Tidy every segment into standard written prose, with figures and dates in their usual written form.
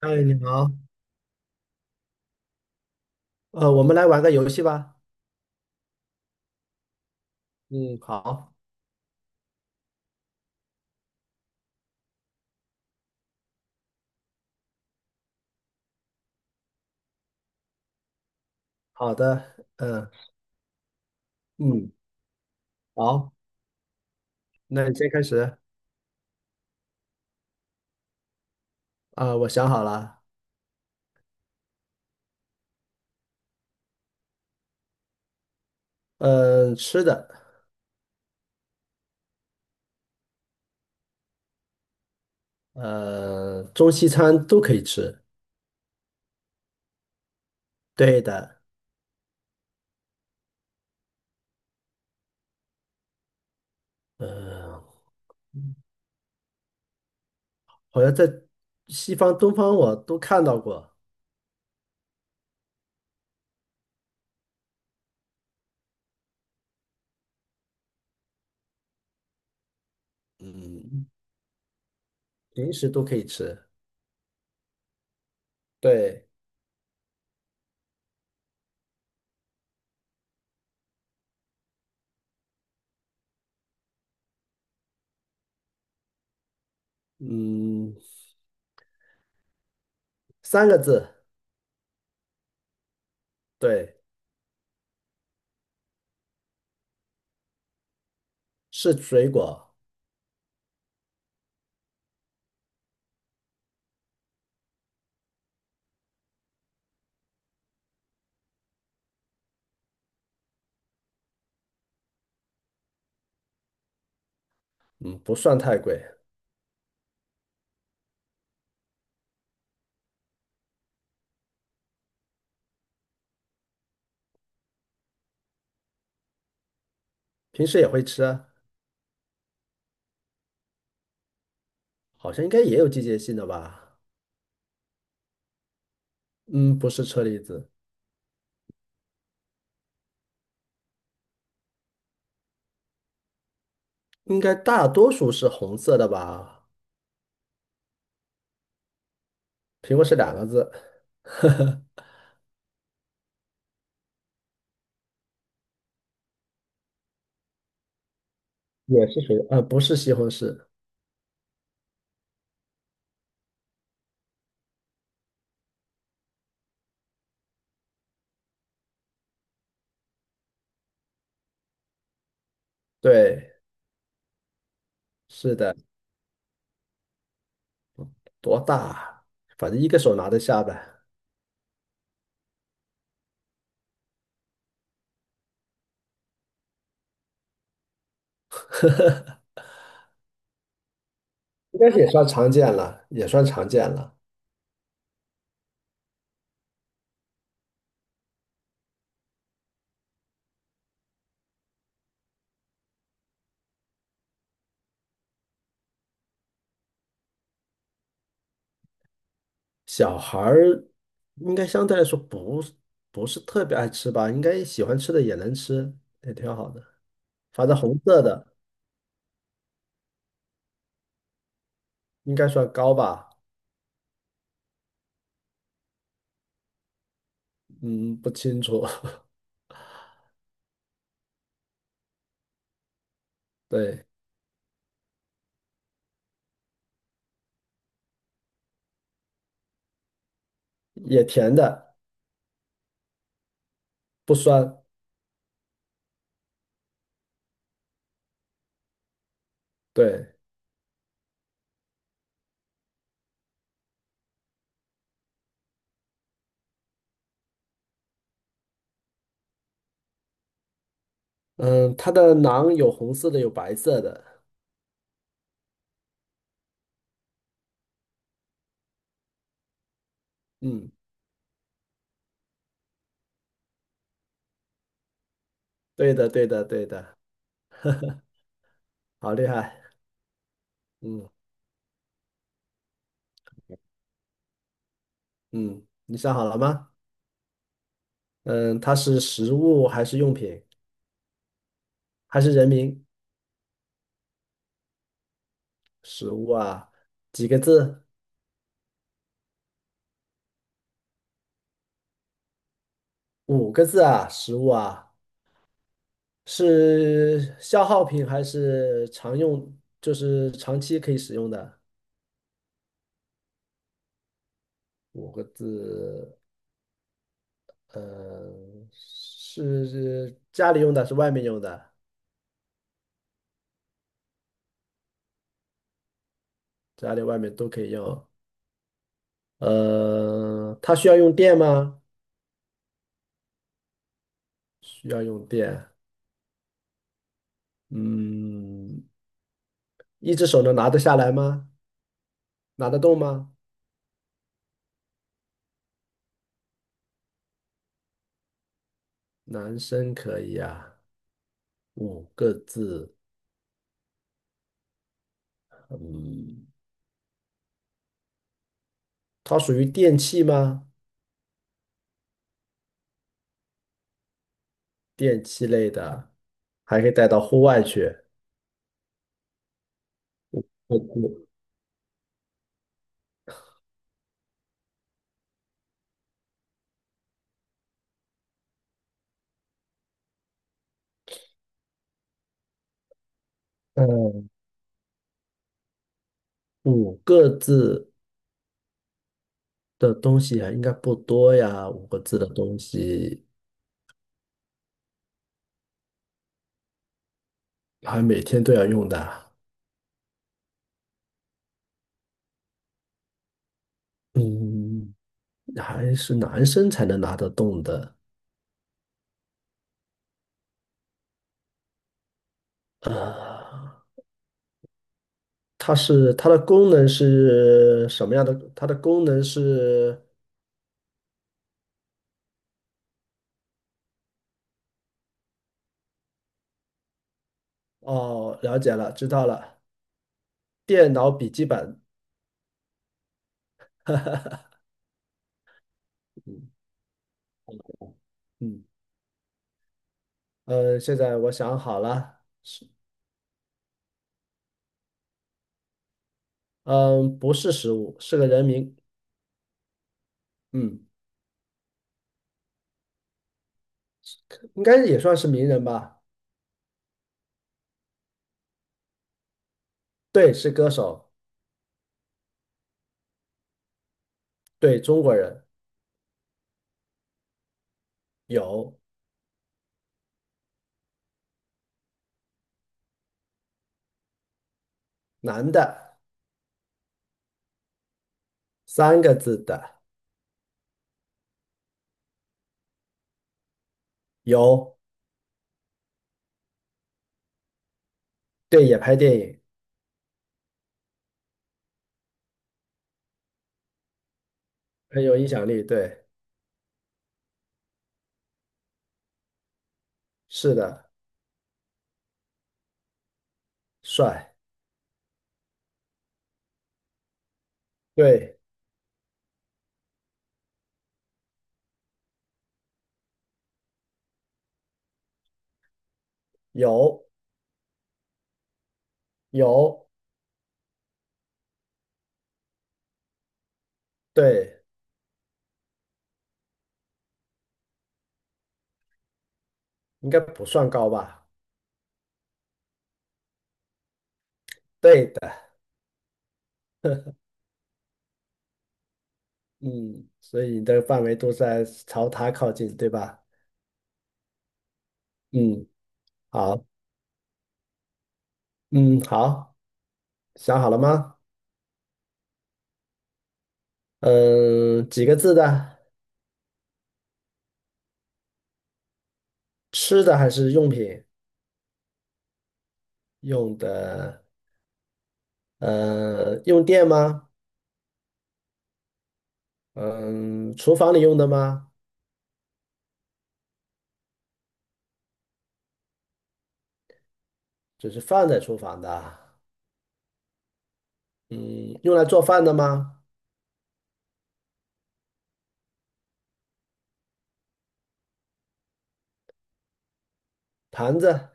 嗨，你好。我们来玩个游戏吧。嗯，好。好的。嗯嗯。好，那你先开始。啊，我想好了。嗯，吃的。中西餐都可以吃。对的。嗯，好像在西方、东方我都看到过。嗯，平时都可以吃。对。嗯，三个字。对，是水果。嗯，不算太贵。平时也会吃啊。好像应该也有季节性的吧。嗯，不是车厘子。应该大多数是红色的吧？苹果是两个字。也是水，啊，不是西红柿。对，是的。多大？反正一个手拿得下呗。应该是也算常见了，也算常见了。小孩儿应该相对来说不是特别爱吃吧，应该喜欢吃的也能吃，也挺好的。反正红色的应该算高吧。嗯，不清楚。对，也甜的，不酸。对。嗯，它的囊有红色的，有白色的。嗯，对的，对的，对的。好厉害。嗯嗯，你想好了吗？嗯，它是食物还是用品还是人名？食物啊，几个字？五个字啊，食物啊，是消耗品还是常用？就是长期可以使用的五个字。呃，是家里用的，是外面用的。家里外面都可以用。它需要用电吗？需要用电。嗯，一只手能拿得下来吗？拿得动吗？男生可以啊。五个字。嗯，它属于电器吗？电器类的，还可以带到户外去。不不。嗯，五个字的东西还应该不多呀，五个字的东西还每天都要用的。嗯，还是男生才能拿得动的。呃，它的功能是什么样的？它的功能是哦，了解了，知道了，电脑笔记本。嗯嗯。现在我想好了。嗯，不是食物，是个人名。嗯，应该也算是名人吧？对，是歌手。对，中国人。有。男的。三个字的。有。对，也拍电影。很有影响力。对，是的。帅。对。有有。对，应该不算高吧？对的。嗯，所以你的范围都在朝它靠近，对吧？嗯，好。嗯，好。想好了吗？嗯，几个字的？吃的还是用品？用的。用电吗？嗯，厨房里用的吗？就是放在厨房的啊。嗯，用来做饭的吗？盘子。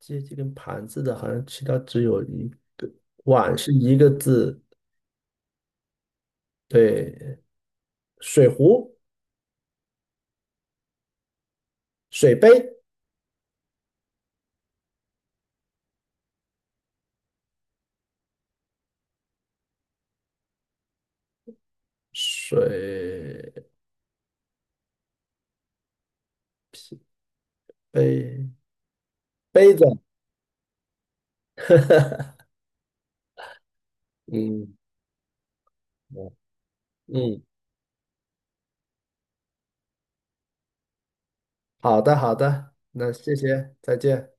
这跟盘子的好像其他只有一个。碗是一个字。对。水壶、水杯、水杯杯子。嗯嗯。好的好的，那谢谢，再见。